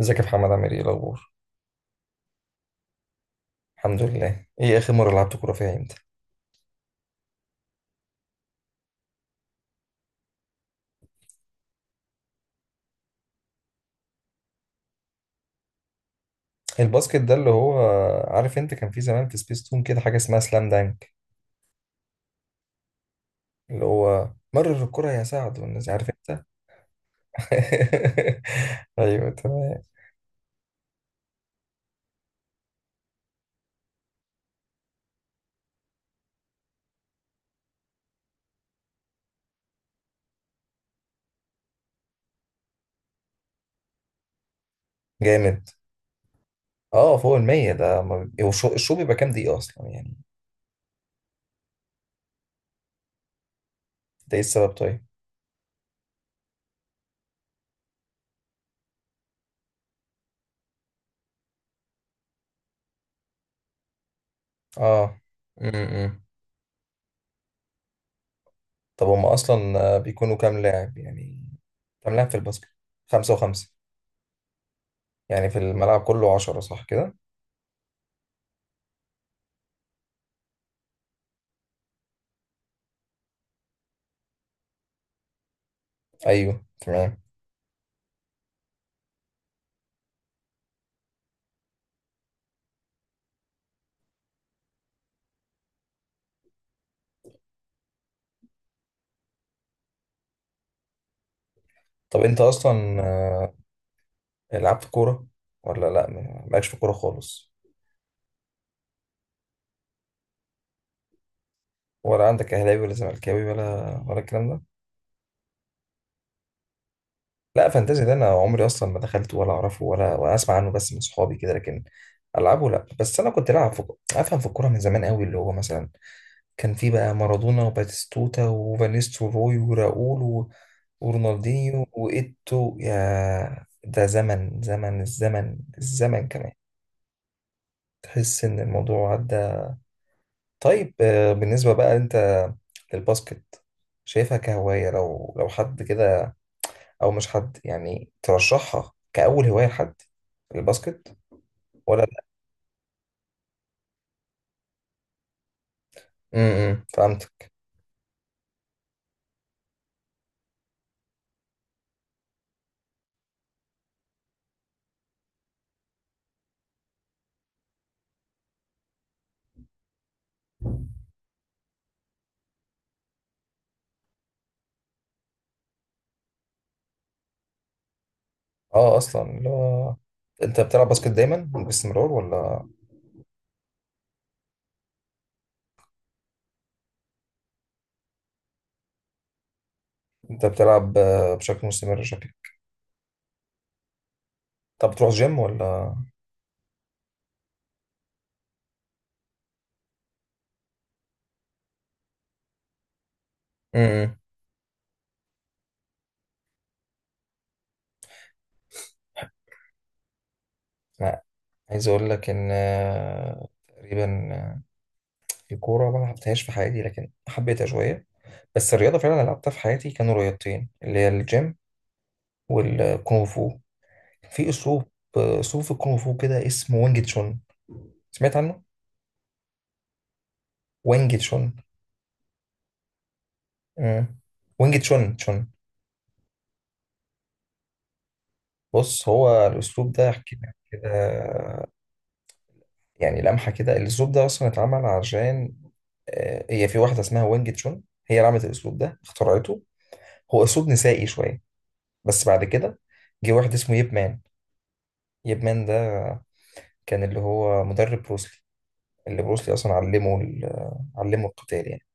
ازيك يا محمد؟ عامل ايه؟ إيه الاخبار؟ الحمد لله. ايه اخر مره لعبت كوره فيها؟ امتى الباسكت ده اللي هو، عارف انت، كان في زمان في سبيس تون كده حاجه اسمها سلام دانك، اللي هو مرر الكره يا سعد والناس، عارف انت. ايوه تمام. جامد. اه فوق المية ده ما بي- هو الشو بيبقى كام دقيقه اصلا يعني؟ ده ايه السبب طيب؟ اه. امم طب هم اصلا بيكونوا كام لاعب يعني؟ كام لاعب في الباسكت؟ خمسة وخمسة يعني في الملعب كله عشرة، صح كده؟ ايوه تمام. طب انت اصلا، لعبت كوره ولا لا؟ مالكش في الكوره خالص؟ ولا عندك اهلاوي ولا زملكاوي ولا الكلام ده؟ لا فانتازي ده انا عمري اصلا ما دخلته ولا اعرفه ولا اسمع عنه، بس من صحابي كده، لكن العبه لا. بس انا كنت العب في، افهم في الكوره من زمان قوي، اللي هو مثلا كان في بقى مارادونا وباتيستوتا وفانيس روي وراؤول و… ورونالدينيو وايتو، يا ده زمن، الزمن كمان. تحس ان الموضوع عدى. طيب بالنسبة بقى انت للباسكت، شايفها كهواية لو حد كده، او مش حد يعني، ترشحها كأول هواية لحد الباسكت ولا لا؟ فهمتك. اه اصلا لا. انت بتلعب باسكت دايما باستمرار ولا؟ انت بتلعب بشكل مستمر، شكل؟ طب بتروح جيم ولا؟ امم لا. عايز اقول لك ان تقريبا، الكوره ما لعبتهاش في حياتي، لكن حبيتها شويه. بس الرياضه فعلا اللي لعبتها في حياتي كانوا رياضتين، اللي هي الجيم والكونغ فو. في اسلوب، اسلوب في الكونغ فو كده اسمه وانج تشون، سمعت عنه؟ وانج تشون. مم. وانج تشون تشون. بص هو الاسلوب ده، احكي لك كده، يعني لمحه كده. الاسلوب ده اصلا اتعمل عشان هي في واحده اسمها وانج تشون، هي اللي عملت الاسلوب ده، اخترعته. هو اسلوب نسائي شويه، بس بعد كده جه واحد اسمه ييب مان. ييب مان ده كان اللي هو مدرب بروسلي، اللي بروسلي اصلا علمه علمه القتال يعني.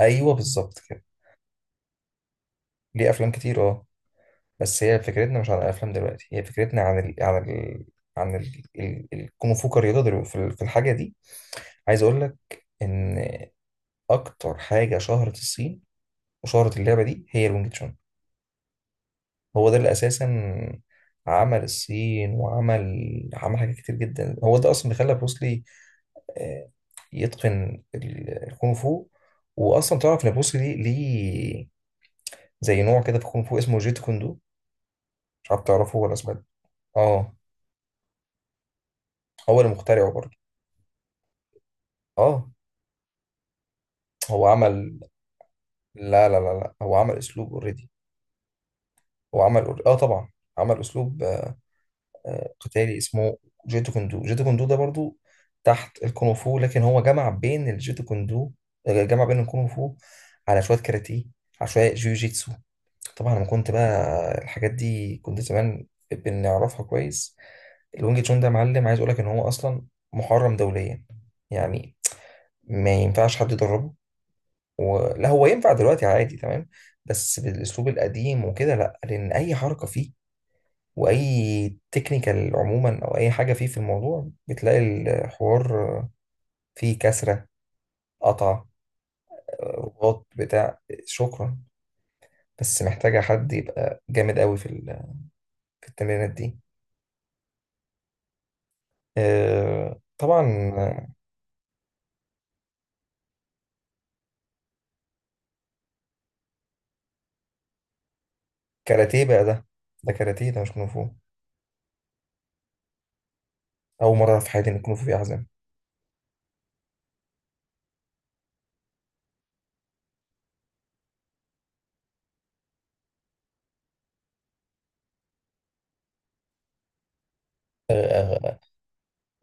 ايوه بالظبط كده. ليه افلام كتير اه. بس هي فكرتنا مش عن الافلام دلوقتي، هي فكرتنا عن الكونغ فو كرياضه دلوقتي في في الحاجه دي. عايز اقول لك ان اكتر حاجه شهرت الصين وشهرت اللعبه دي هي الونج تشون. هو ده اللي اساسا عمل الصين وعمل عمل حاجات كتير جدا، هو ده اصلا اللي خلى بروس لي آه، يتقن الكونغ فو. واصلا تعرف ان بروس لي ليه زي نوع كده في الكونغ فو اسمه جيت كوندو، مش عارف، تعرفه ولا سمعت؟ اه. هو اللي مخترعه برضه. اه. هو عمل لا، هو عمل اسلوب اوريدي. هو عمل اه طبعا. عمل اسلوب قتالي اسمه جيتو كوندو. جيتو كوندو ده برضه تحت الكونغ فو، لكن هو جمع بين الجيتو كوندو جمع بين الكونغ فو على شويه كاراتيه، على شويه جيوجيتسو. طبعا لما كنت بقى الحاجات دي كنت زمان بنعرفها كويس. الونج تشون ده يا معلم، عايز اقول لك ان هو اصلا محرم دوليا، يعني ما ينفعش حد يدربه و… لا هو ينفع دلوقتي عادي تمام، بس بالاسلوب القديم وكده لا، لان اي حركه فيه واي تكنيكال عموما او اي حاجه فيه في الموضوع بتلاقي الحوار فيه كسره، قطع، رباط، بتاع، شكرا، بس محتاجه حد يبقى جامد قوي في في التمرينات دي. طبعا. كاراتيه بقى ده. ده كاراتيه ده، مش كونغ فو. اول مره في حياتي ان الكونغ فو فيه أحزان!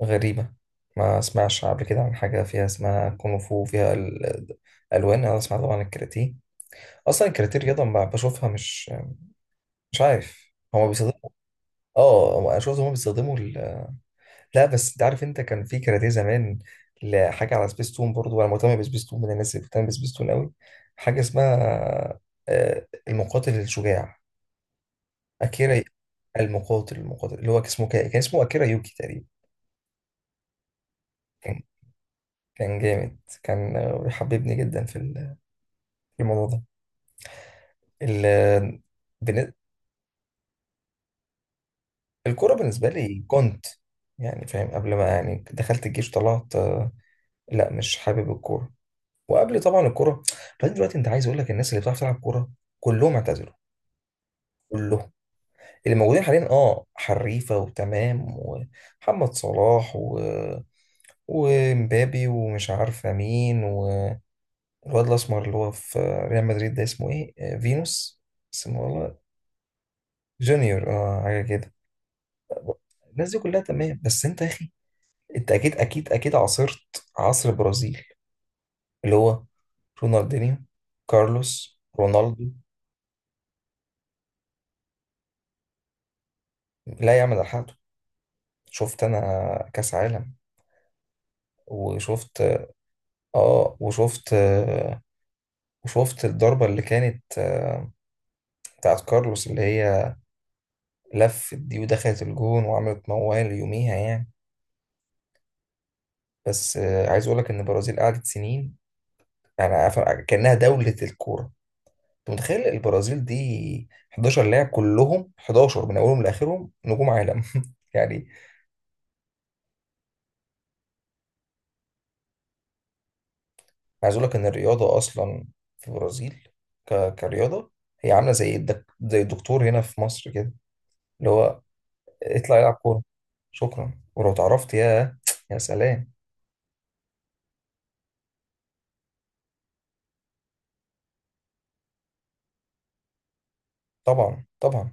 غريبة، ما اسمعش قبل كده عن حاجة فيها اسمها كونغ فو فيها الألوان. أنا اسمع طبعا عن الكاراتيه، أصلا الكاراتيه رياضة ما بشوفها، مش عارف هما بيستخدموا. اه أنا شفت هما بيستخدموا لا بس أنت عارف، أنت كان في كاراتيه زمان لحاجة على سبيستون، برضو أنا مهتم بسبيستون من الناس اللي بتهتم بسبيستون أوي. حاجة اسمها المقاتل الشجاع، أكيرا. المقاتل اللي هو اسمه كان اسمه أكيرا يوكي تقريبا. كان، كان جامد، كان بيحببني جدا في في الموضوع ده. ال بن- الكورة بالنسبة لي كنت، يعني فاهم، قبل ما يعني دخلت الجيش طلعت لا مش حابب الكورة. وقبل طبعا الكورة بعدين دلوقتي، انت عايز اقول لك، الناس اللي بتعرف تلعب كورة كلهم اعتزلوا، كلهم. اللي موجودين حاليا اه حريفة وتمام، ومحمد صلاح، و ومبابي، ومش عارفة مين، والواد الأسمر اللي هو في ريال مدريد ده اسمه ايه؟ فينوس اسمه والله. جونيور اه، حاجة كده. الناس دي كلها تمام، بس انت يا اخي، انت اكيد عاصرت عصر البرازيل اللي هو رونالدينيو، كارلوس، رونالدو. لا يعمل على حاله. شفت انا كاس عالم، وشفت اه، وشفت وشفت الضربة اللي كانت بتاعت كارلوس، اللي هي لفت دي ودخلت الجون، وعملت موال يوميها يعني. بس عايز اقول لك ان البرازيل قعدت سنين، يعني كأنها دولة الكورة. انت متخيل البرازيل دي 11 لاعب، كلهم 11 من اولهم لاخرهم نجوم عالم! يعني عايز اقول لك ان الرياضه اصلا في البرازيل كرياضه هي عامله زي زي الدكتور هنا في مصر كده، اللي هو اطلع العب كوره، شكرا. ولو اتعرفت يا سلام! طبعا طبعا.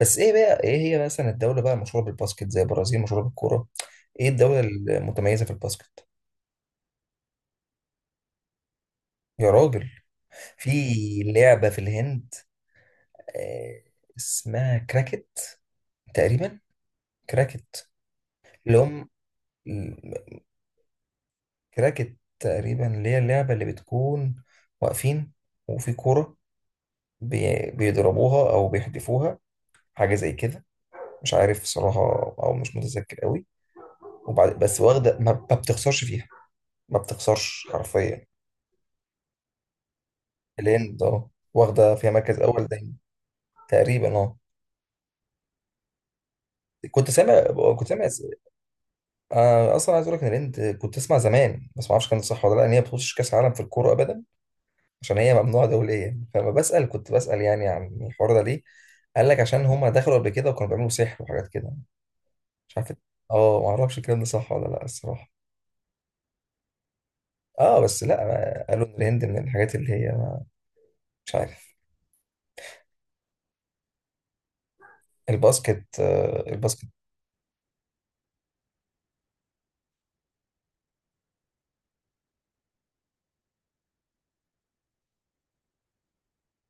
بس ايه بقى، ايه هي مثلا الدوله بقى المشهوره بالباسكت زي البرازيل مشهوره بالكوره؟ ايه الدوله المتميزه في الباسكت؟ يا راجل! في لعبه في الهند آه، اسمها كراكت تقريبا، كراكت، اللي هم، كراكت تقريبا، اللي هي اللعبة اللي بتكون واقفين وفي كورة بيضربوها أو بيحدفوها، حاجة زي كده، مش عارف صراحة أو مش متذكر قوي. وبعد بس واخدة، ما بتخسرش فيها، ما بتخسرش حرفيا. الهند اه واخدة فيها مركز أول دايما، تقريبا اه. كنت سامع، كنت سامع، أنا أصلا عايز أقول لك إن الهند كنت أسمع زمان بس ما أعرفش كان صح ولا لأ، إن هي ما بتخشش كأس عالم في الكورة أبدا عشان هي ممنوعة دوليا. فبسأل، كنت بسأل يعني عن الحوار ده ليه، قال لك عشان هما دخلوا قبل كده وكانوا بيعملوا سحر وحاجات كده، مش عارف. اه ما اعرفش الكلام ده صح ولا لا الصراحة. اه بس لا قالوا ان الهند من الحاجات اللي هي، مش عارف. الباسكت، الباسكت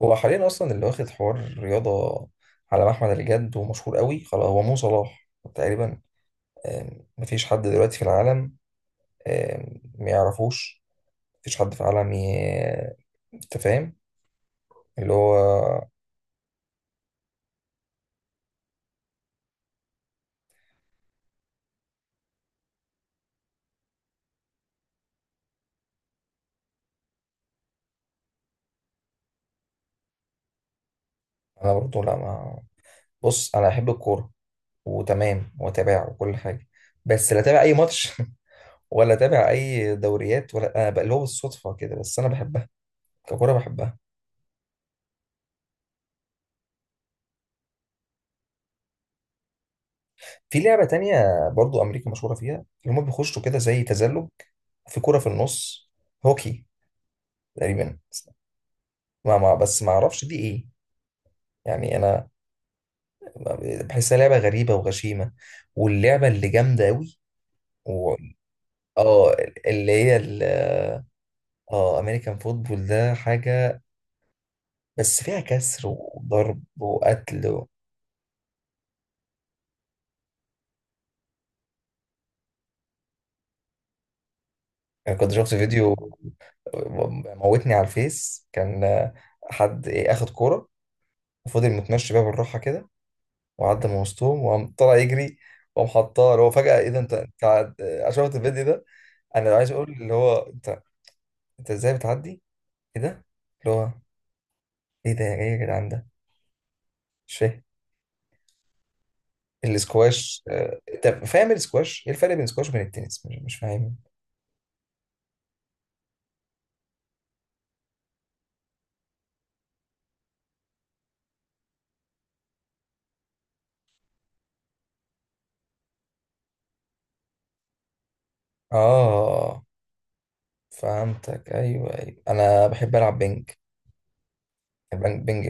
هو حاليا اصلا اللي واخد حوار رياضة على محمل الجد ومشهور قوي خلاص هو مو صلاح تقريبا. مفيش حد دلوقتي في العالم ما يعرفوش. مفيش حد في العالم انت فاهم. اللي هو انا برضه لا ما بص انا احب الكوره وتمام واتابعها وكل حاجه، بس لا اتابع اي ماتش ولا اتابع اي دوريات، ولا انا بقى اللي هو بالصدفه كده، بس انا بحبها، ككوره بحبها. في لعبه تانية برضه امريكا مشهوره فيها، اللي هم بيخشوا كده زي تزلج، في كوره في النص، هوكي تقريبا، ما اعرفش دي ايه. يعني انا بحسها لعبه غريبه وغشيمه. واللعبه اللي جامده قوي و… اه اللي هي اه امريكان فوتبول ده حاجه. بس فيها كسر وضرب وقتل و… يعني كنت شفت فيديو موتني على الفيس، كان حد، ايه، اخد كورة وفضل متمشي بيها بالراحة كده، وعدى من وسطهم، وقام طلع يجري، وقام حطها. اللي هو فجأة ايه ده؟ أنا شفت الفيديو ده. انا عايز اقول اللي هو انت، انت ازاي بتعدي؟ ايه ده! اللي هو ايه ده! ايه يا جدعان ده! مش فاهم. الاسكواش، طب فاهم الاسكواش، ايه الفرق بين الاسكواش وبين التنس؟ مش فاهم. اه فهمتك ايوه ايوه. انا بحب العب بينج بينج،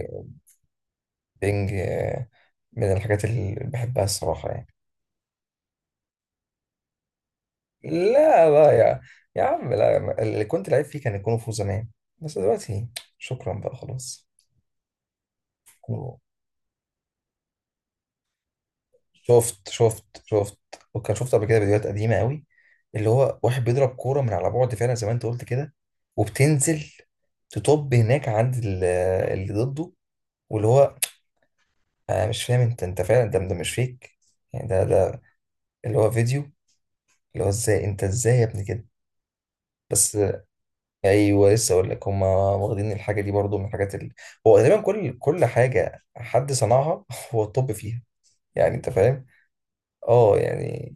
بينج من الحاجات اللي بحبها الصراحه يعني. لا يا عم لا اللي كنت لعيب فيه كان الكونغ فو زمان، بس دلوقتي شكرا بقى خلاص. شفت، وكان شفت قبل كده فيديوهات قديمه قوي اللي هو واحد بيضرب كوره من على بعد فعلا زي ما انت قلت كده، وبتنزل تطب هناك عند اللي ضده، واللي هو انا مش فاهم، انت فعلا ده مش فيك يعني، ده اللي هو فيديو، اللي هو ازاي انت؟ ازاي يا ابني كده؟ بس ايوه لسه اقول لك، هم واخدين الحاجه دي برضو من الحاجات اللي هو غالبا كل حاجه حد صنعها هو الطب فيها، يعني انت فاهم. اه يعني.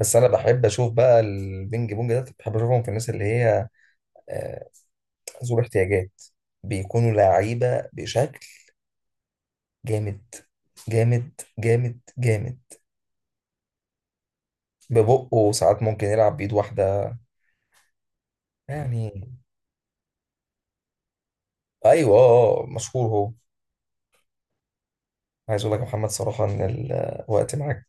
بس انا بحب اشوف بقى البينج بونج ده، بحب اشوفهم في الناس اللي هي آه، ذو احتياجات، بيكونوا لعيبه بشكل جامد، جامد. ببقه ساعات ممكن يلعب بايد واحده يعني. ايوه اه مشهور هو. عايز اقول لك يا محمد صراحة ان الوقت معاك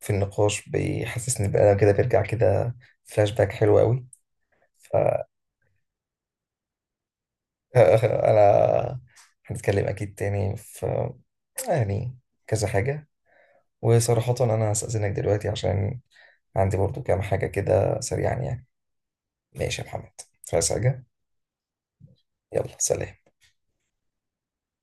في النقاش بيحسسني بقى كده، بيرجع كده فلاش باك حلو قوي. فانا هنتكلم اكيد تاني في يعني كذا حاجة. وصراحة انا هستأذنك دلوقتي عشان عندي برضو كام حاجة كده سريعا يعني. ماشي يا محمد. عايز حاجة؟ يلا سلام.